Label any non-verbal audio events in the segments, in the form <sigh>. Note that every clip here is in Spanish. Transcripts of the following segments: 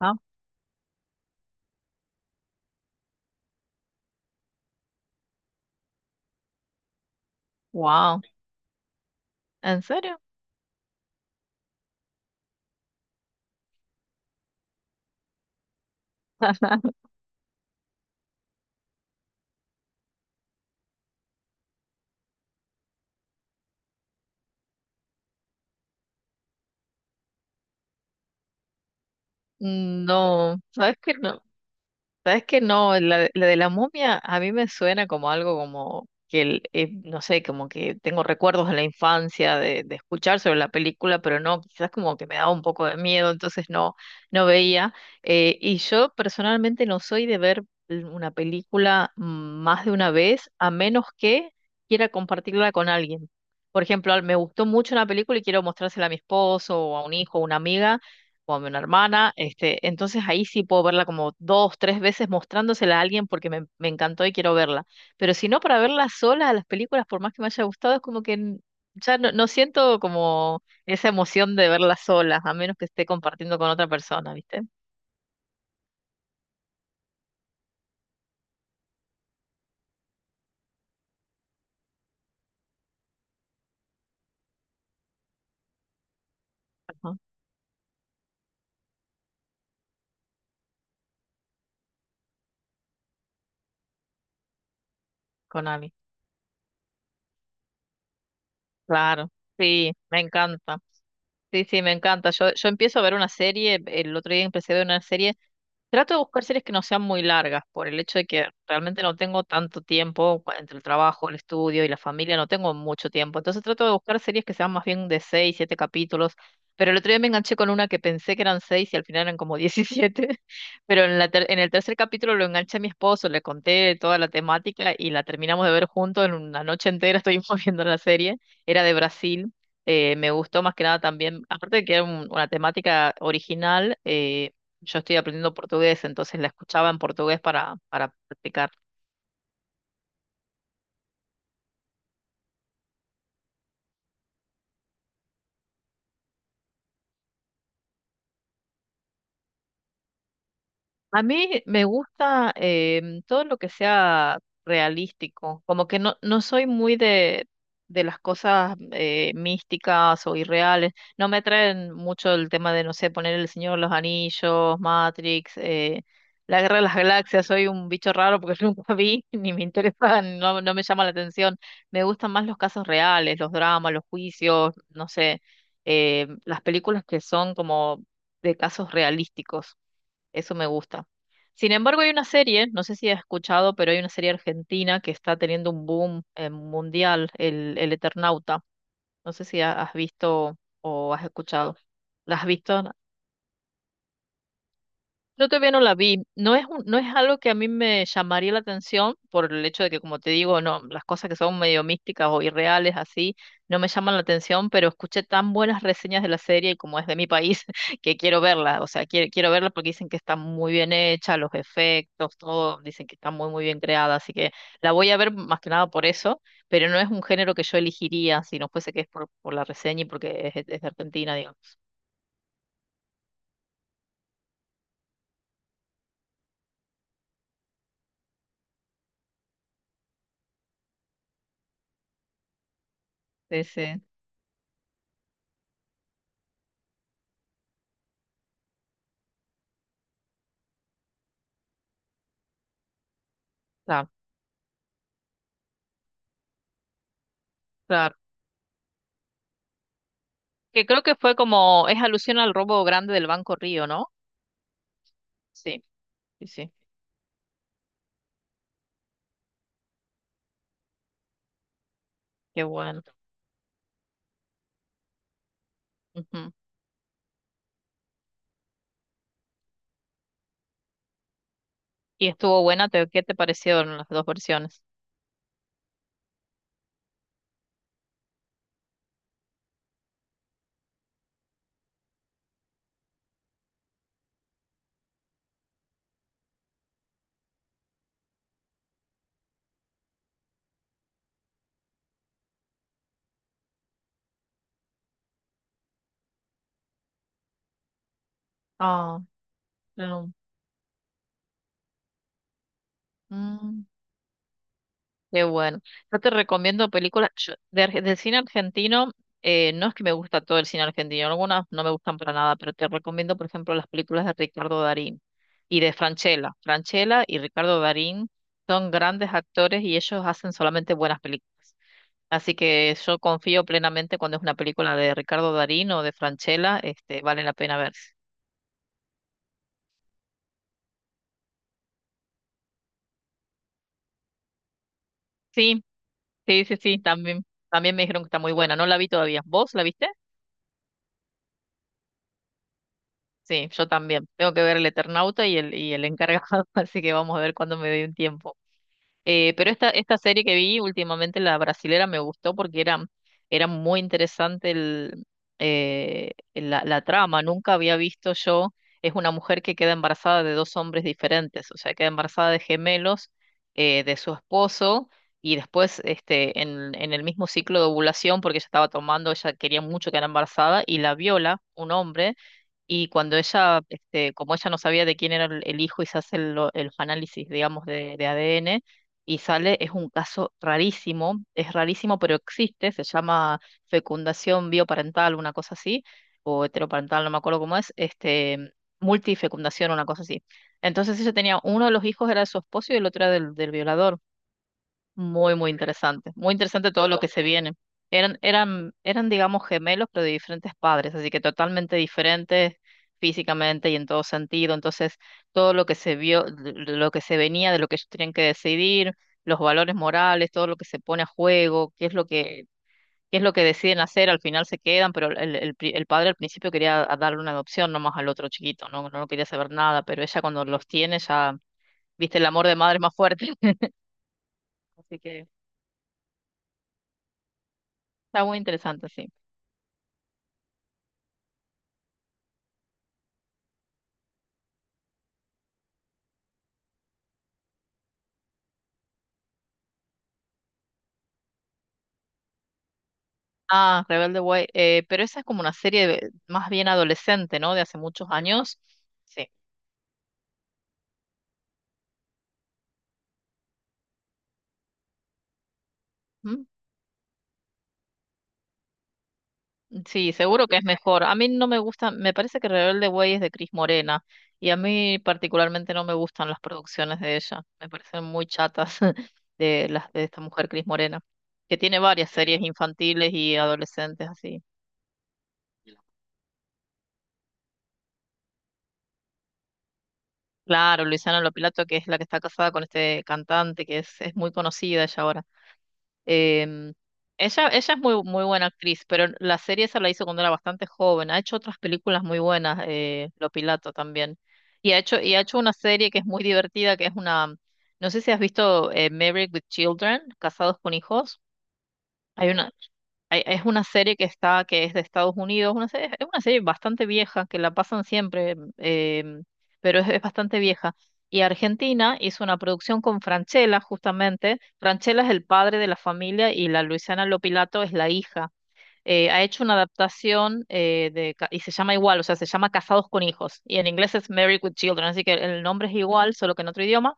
Ah, wow. ¿En serio? No, sabes que no, sabes que no, la de la momia a mí me suena como algo como que, no sé, como que tengo recuerdos de la infancia de escuchar sobre la película, pero no, quizás como que me daba un poco de miedo, entonces no, no veía. Y yo personalmente no soy de ver una película más de una vez, a menos que quiera compartirla con alguien. Por ejemplo, me gustó mucho una película y quiero mostrársela a mi esposo o a un hijo o una amiga como a una hermana, este, entonces ahí sí puedo verla como dos, tres veces mostrándosela a alguien porque me encantó y quiero verla. Pero si no, para verla sola a las películas, por más que me haya gustado, es como que ya no, no siento como esa emoción de verla sola, a menos que esté compartiendo con otra persona, ¿viste? Ajá, con alguien. Claro, sí, me encanta. Sí, sí, me encanta. Yo empiezo a ver una serie, el otro día empecé a ver una serie. Trato de buscar series que no sean muy largas, por el hecho de que realmente no tengo tanto tiempo entre el trabajo, el estudio y la familia, no tengo mucho tiempo. Entonces trato de buscar series que sean más bien de seis, siete capítulos. Pero el otro día me enganché con una que pensé que eran seis y al final eran como diecisiete. <laughs> Pero en la en el tercer capítulo lo enganché a mi esposo, le conté toda la temática y la terminamos de ver juntos en una noche entera, <laughs> estuvimos viendo la serie. Era de Brasil. Me gustó más que nada también, aparte de que era una temática original. Yo estoy aprendiendo portugués, entonces la escuchaba en portugués para practicar. A mí me gusta todo lo que sea realístico, como que no, no soy muy de las cosas místicas o irreales, no me traen mucho el tema de, no sé, poner el Señor de los Anillos, Matrix, la Guerra de las Galaxias. Soy un bicho raro porque <laughs> nunca vi, ni me interesa, no, no me llama la atención. Me gustan más los casos reales, los dramas, los juicios, no sé, las películas que son como de casos realísticos. Eso me gusta. Sin embargo, hay una serie, no sé si has escuchado, pero hay una serie argentina que está teniendo un boom mundial, el Eternauta. No sé si has visto o has escuchado. ¿La has visto? Yo todavía no la vi. No es no es algo que a mí me llamaría la atención por el hecho de que, como te digo, no, las cosas que son medio místicas o irreales así no me llaman la atención, pero escuché tan buenas reseñas de la serie y como es de mi país <laughs> que quiero verla. O sea, quiero verla porque dicen que está muy bien hecha, los efectos, todo, dicen que está muy muy bien creada, así que la voy a ver más que nada por eso, pero no es un género que yo elegiría si no fuese que es por la reseña y porque es de Argentina, digamos. Sí, sí. Claro, claro. Que creo que fue como, es alusión al robo grande del Banco Río, ¿no? Sí, sí, sí, qué bueno. Ujú. Y estuvo buena, ¿qué te parecieron las dos versiones? Ah, no. Mm, qué bueno. Yo te recomiendo películas de cine argentino. No es que me gusta todo el cine argentino, algunas no me gustan para nada, pero te recomiendo, por ejemplo, las películas de Ricardo Darín y de Francella. Francella y Ricardo Darín son grandes actores y ellos hacen solamente buenas películas. Así que yo confío plenamente cuando es una película de Ricardo Darín o de Francella, este, vale la pena verse. Sí, sí, sí, sí, también, también me dijeron que está muy buena. No la vi todavía. ¿Vos la viste? Sí, yo también. Tengo que ver El Eternauta y el encargado, <laughs> así que vamos a ver cuándo me dé un tiempo. Pero esta serie que vi últimamente, la brasilera, me gustó porque era, era muy interesante la trama. Nunca había visto yo, es una mujer que queda embarazada de dos hombres diferentes, o sea, queda embarazada de gemelos de su esposo y después este, en el mismo ciclo de ovulación, porque ella estaba tomando, ella quería mucho quedar embarazada y la viola un hombre y cuando ella, este, como ella no sabía de quién era el hijo y se hace los análisis, digamos, de ADN, y sale, es un caso rarísimo, es rarísimo, pero existe, se llama fecundación bioparental, una cosa así, o heteroparental, no me acuerdo cómo es, este, multifecundación, una cosa así. Entonces ella tenía, uno de los hijos era de su esposo y el otro era del violador. Muy, muy interesante. Muy interesante todo lo que se viene. Eran, eran, eran, digamos, gemelos, pero de diferentes padres, así que totalmente diferentes físicamente y en todo sentido. Entonces, todo lo que se vio, lo que se venía de lo que ellos tenían que decidir, los valores morales, todo lo que se pone a juego, qué es lo que, qué es lo que deciden hacer, al final se quedan, pero el padre al principio quería darle una adopción nomás al otro chiquito, no, no quería saber nada, pero ella cuando los tiene ya, viste, el amor de madre es más fuerte. <laughs> Así que está muy interesante, sí. Ah, Rebelde Way. Pero esa es como una serie más bien adolescente, ¿no? De hace muchos años. Sí. ¿Mm? Sí, seguro que es mejor. A mí no me gusta, me parece que Rebelde Way es de Cris Morena y a mí particularmente no me gustan las producciones de ella. Me parecen muy chatas <laughs> de las de esta mujer Cris Morena, que tiene varias series infantiles y adolescentes así. Claro, Luisana Lopilato, que es la que está casada con este cantante, que es muy conocida ella ahora. Em, ella es muy, muy buena actriz, pero la serie esa la hizo cuando era bastante joven. Ha hecho otras películas muy buenas, Lo Pilato también. Y ha hecho una serie que es muy divertida, que es una, no sé si has visto Married with Children, Casados con Hijos. Hay una, es una serie que está, que es de Estados Unidos, una serie, es una serie bastante vieja, que la pasan siempre, em, pero es bastante vieja. Y Argentina hizo una producción con Franchella, justamente. Franchella es el padre de la familia y la Luisiana Lopilato es la hija. Ha hecho una adaptación y se llama igual, o sea, se llama Casados con Hijos. Y en inglés es Married with Children, así que el nombre es igual, solo que en otro idioma.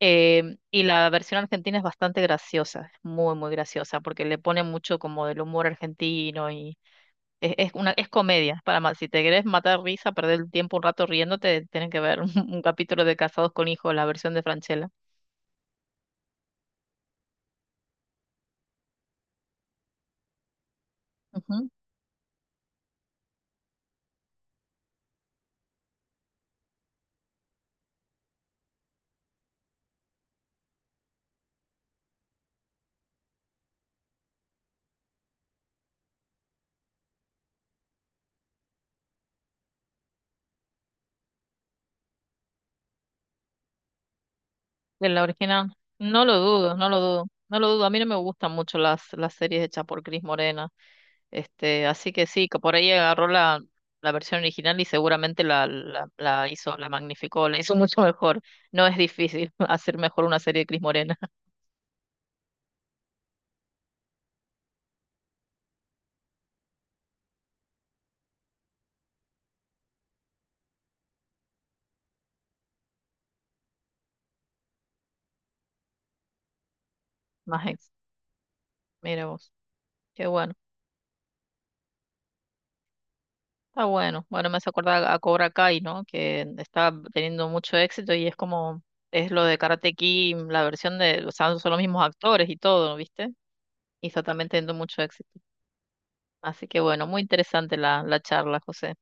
Y la versión argentina es bastante graciosa, es muy, muy graciosa, porque le pone mucho como del humor argentino y es una, es comedia. Para si te querés matar risa, perder el tiempo un rato riéndote, tienen que ver <laughs> un capítulo de Casados con Hijos, la versión de Franchella. Ujú. De la original. No lo dudo, no lo dudo, no lo dudo. A mí no me gustan mucho las series hechas por Cris Morena. Este, así que sí, que por ahí agarró la versión original y seguramente la hizo, la magnificó, la hizo <laughs> mucho mejor. No es difícil <laughs> hacer mejor una serie de Cris Morena. <laughs> Más ex. Mira vos, qué bueno, está bueno. Bueno, me hace acordar a Cobra Kai, ¿no? Que está teniendo mucho éxito y es como, es lo de Karate Kid, la versión de, o sea, son los mismos actores y todo, ¿viste? Y está también teniendo mucho éxito. Así que bueno, muy interesante la charla, José.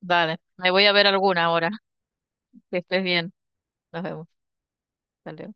Dale, me voy a ver alguna ahora. <laughs> Que estés bien. Nos vemos. Dale,